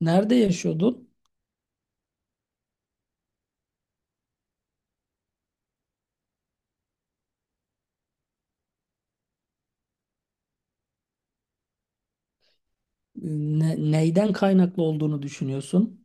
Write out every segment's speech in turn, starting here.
Nerede yaşıyordun? Neyden kaynaklı olduğunu düşünüyorsun?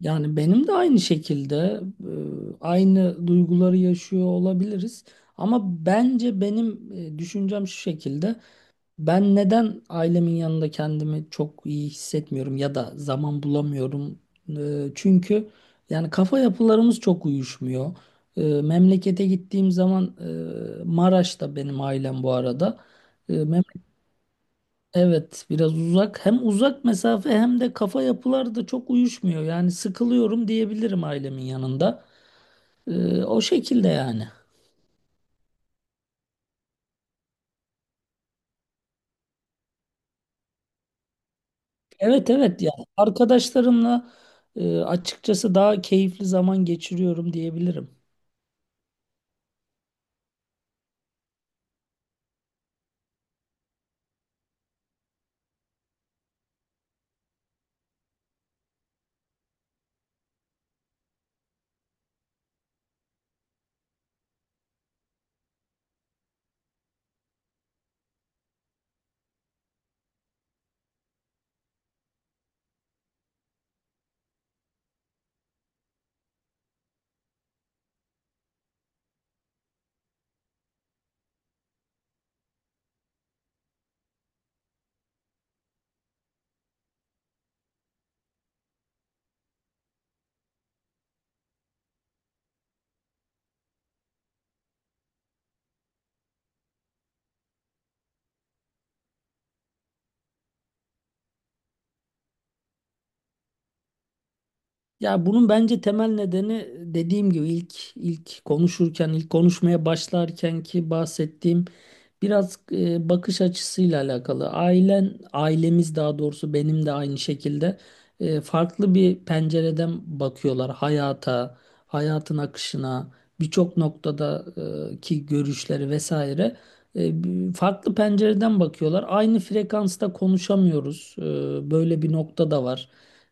Yani benim de aynı şekilde aynı duyguları yaşıyor olabiliriz. Ama bence benim düşüncem şu şekilde. Ben neden ailemin yanında kendimi çok iyi hissetmiyorum ya da zaman bulamıyorum? Çünkü yani kafa yapılarımız çok uyuşmuyor. Memlekete gittiğim zaman Maraş'ta benim ailem bu arada. Evet, biraz uzak. Hem uzak mesafe hem de kafa yapıları da çok uyuşmuyor. Yani sıkılıyorum diyebilirim ailemin yanında. O şekilde yani. Evet, evet, yani arkadaşlarımla açıkçası daha keyifli zaman geçiriyorum diyebilirim. Ya bunun bence temel nedeni dediğim gibi ilk konuşurken ilk konuşmaya başlarken ki bahsettiğim biraz bakış açısıyla alakalı. Ailen ailemiz daha doğrusu benim de aynı şekilde farklı bir pencereden bakıyorlar hayata, hayatın akışına, birçok noktada ki görüşleri vesaire. Farklı pencereden bakıyorlar. Aynı frekansta konuşamıyoruz. Böyle bir nokta da var.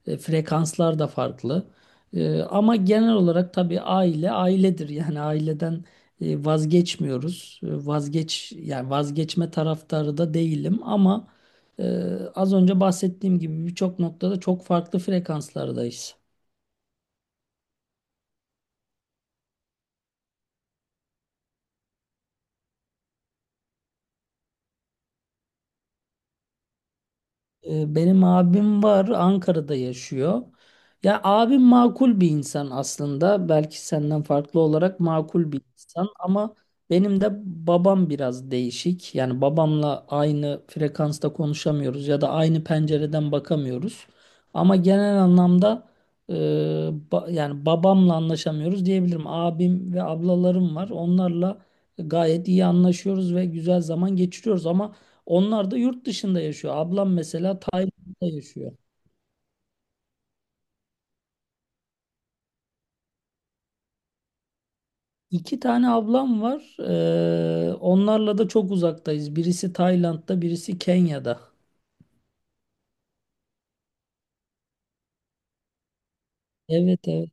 Frekanslar da farklı. Ama genel olarak tabii aile ailedir. Yani aileden vazgeçmiyoruz. E, vazgeç Yani vazgeçme taraftarı da değilim ama e, az önce bahsettiğim gibi birçok noktada çok farklı frekanslardayız. Benim abim var, Ankara'da yaşıyor. Ya abim makul bir insan aslında. Belki senden farklı olarak makul bir insan ama benim de babam biraz değişik. Yani babamla aynı frekansta konuşamıyoruz ya da aynı pencereden bakamıyoruz. Ama genel anlamda e, yani babamla anlaşamıyoruz diyebilirim. Abim ve ablalarım var. Onlarla gayet iyi anlaşıyoruz ve güzel zaman geçiriyoruz ama onlar da yurt dışında yaşıyor. Ablam mesela Tayland'da yaşıyor. İki tane ablam var. Onlarla da çok uzaktayız. Birisi Tayland'da, birisi Kenya'da. Evet, evet.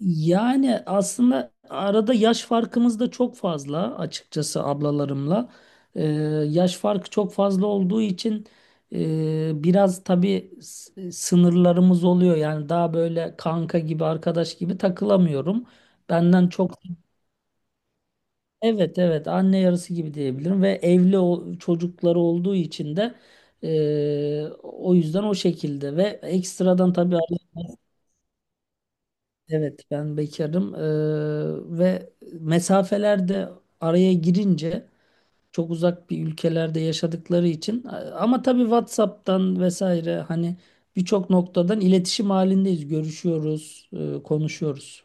Yani aslında arada yaş farkımız da çok fazla açıkçası ablalarımla. Ee, Yaş farkı çok fazla olduğu için biraz tabii sınırlarımız oluyor. Yani daha böyle kanka gibi, arkadaş gibi takılamıyorum. Benden çok evet, evet, anne yarısı gibi diyebilirim ve çocukları olduğu için de o yüzden o şekilde ve ekstradan tabii evet ben bekarım. Ve mesafeler de araya girince çok uzak bir ülkelerde yaşadıkları için ama tabii WhatsApp'tan vesaire hani birçok noktadan iletişim halindeyiz, görüşüyoruz, konuşuyoruz.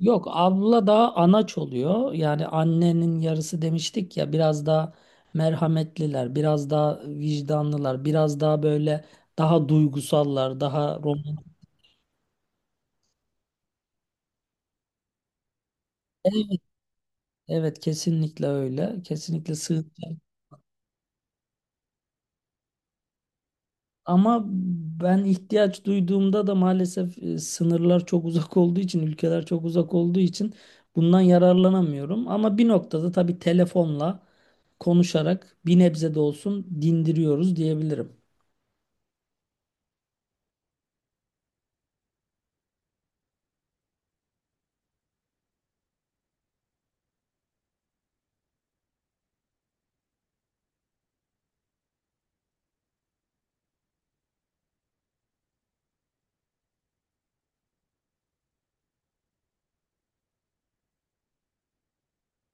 Yok, abla daha anaç oluyor. Yani annenin yarısı demiştik ya, biraz daha merhametliler, biraz daha vicdanlılar, biraz daha böyle daha duygusallar, daha romantik. Evet, evet, kesinlikle öyle. Kesinlikle sığınacak. Ama ben ihtiyaç duyduğumda da maalesef sınırlar çok uzak olduğu için, ülkeler çok uzak olduğu için bundan yararlanamıyorum. Ama bir noktada tabii telefonla konuşarak bir nebze de olsun dindiriyoruz diyebilirim.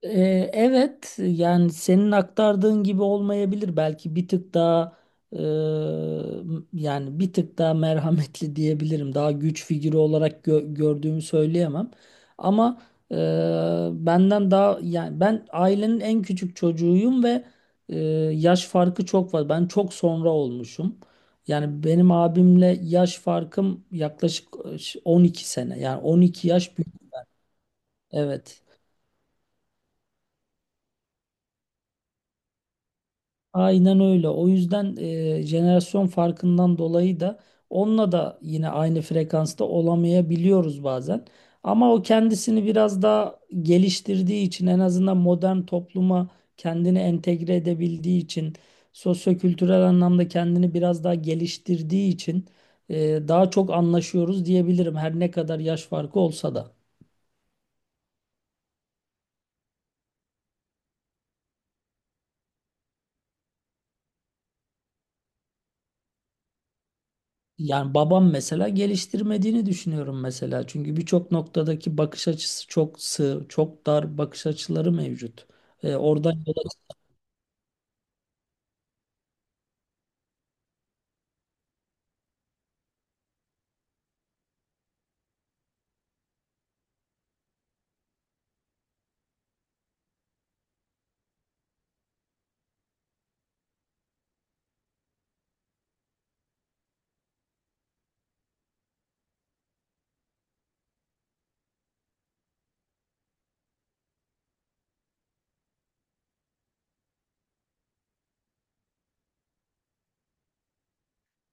Evet yani senin aktardığın gibi olmayabilir belki bir tık daha e, yani bir tık daha merhametli diyebilirim, daha güç figürü olarak gördüğümü söyleyemem ama e, benden daha yani ben ailenin en küçük çocuğuyum ve e, yaş farkı çok var, ben çok sonra olmuşum. Yani benim abimle yaş farkım yaklaşık 12 sene, yani 12 yaş büyük, evet. Aynen öyle. O yüzden jenerasyon farkından dolayı da onunla da yine aynı frekansta olamayabiliyoruz bazen. Ama o kendisini biraz daha geliştirdiği için, en azından modern topluma kendini entegre edebildiği için, sosyokültürel anlamda kendini biraz daha geliştirdiği için daha çok anlaşıyoruz diyebilirim, her ne kadar yaş farkı olsa da. Yani babam mesela geliştirmediğini düşünüyorum mesela. Çünkü birçok noktadaki bakış açısı çok sığ, çok dar bakış açıları mevcut. Oradan yola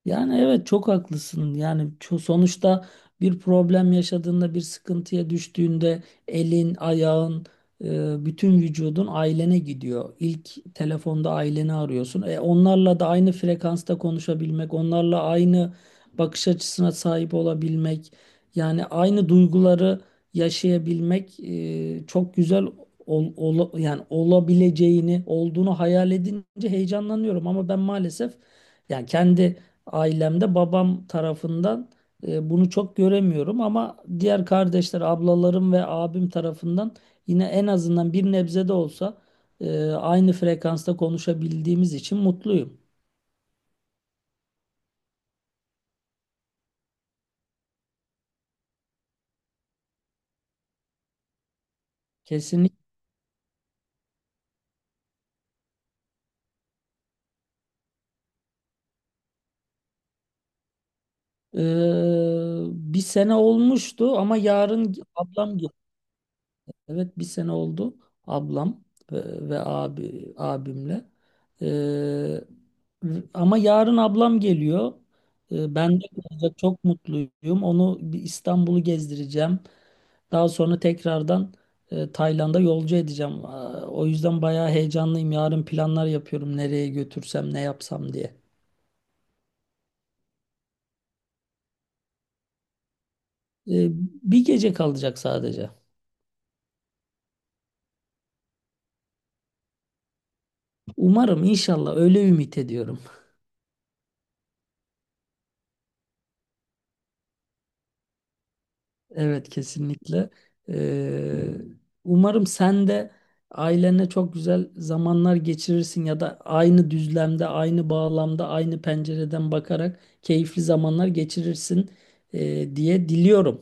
yani evet, çok haklısın. Sonuçta bir problem yaşadığında, bir sıkıntıya düştüğünde elin, ayağın, bütün vücudun ailene gidiyor. İlk telefonda aileni arıyorsun. Onlarla da aynı frekansta konuşabilmek, onlarla aynı bakış açısına sahip olabilmek, yani aynı duyguları yaşayabilmek çok güzel yani olabileceğini, olduğunu hayal edince heyecanlanıyorum ama ben maalesef yani kendi ailemde babam tarafından bunu çok göremiyorum ama diğer kardeşler, ablalarım ve abim tarafından yine en azından bir nebze de olsa aynı frekansta konuşabildiğimiz için mutluyum. Kesinlikle. E, Bir sene olmuştu ama yarın ablam evet, bir sene oldu. Ablam ve, ve abimle. Ee, Ama yarın ablam geliyor. Ben de kalacak, çok mutluyum. Onu bir İstanbul'u gezdireceğim. Daha sonra tekrardan Tayland'a yolcu edeceğim. Aa, o yüzden bayağı heyecanlıyım. Yarın planlar yapıyorum, nereye götürsem, ne yapsam diye. Ee, Bir gece kalacak sadece. Umarım, inşallah öyle ümit ediyorum. Evet, kesinlikle. Ee, Umarım sen de ailenle çok güzel zamanlar geçirirsin ya da aynı düzlemde, aynı bağlamda, aynı pencereden bakarak keyifli zamanlar geçirirsin diye diliyorum.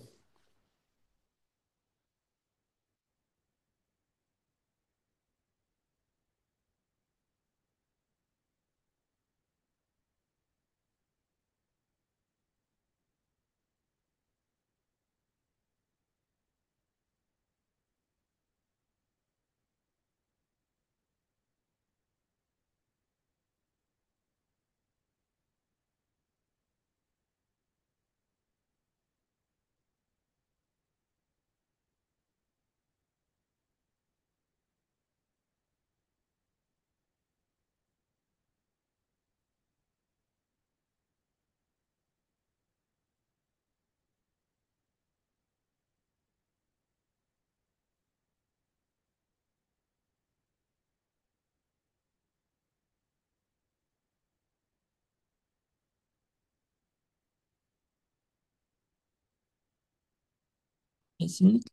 Kesinlikle.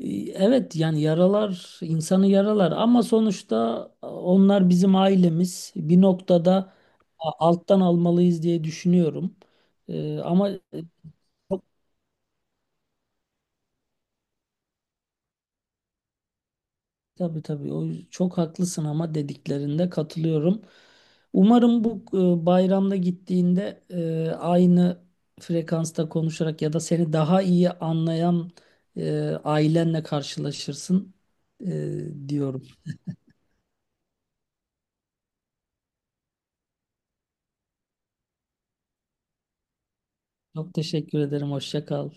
Ee, Evet yani yaralar insanı yaralar ama sonuçta onlar bizim ailemiz. Bir noktada alttan almalıyız diye düşünüyorum. Ama Tabii, tabii, çok haklısın ama dediklerinde katılıyorum. Umarım bu bayramda gittiğinde aynı frekansta konuşarak ya da seni daha iyi anlayan ailenle karşılaşırsın diyorum. Çok teşekkür ederim. Hoşça kal.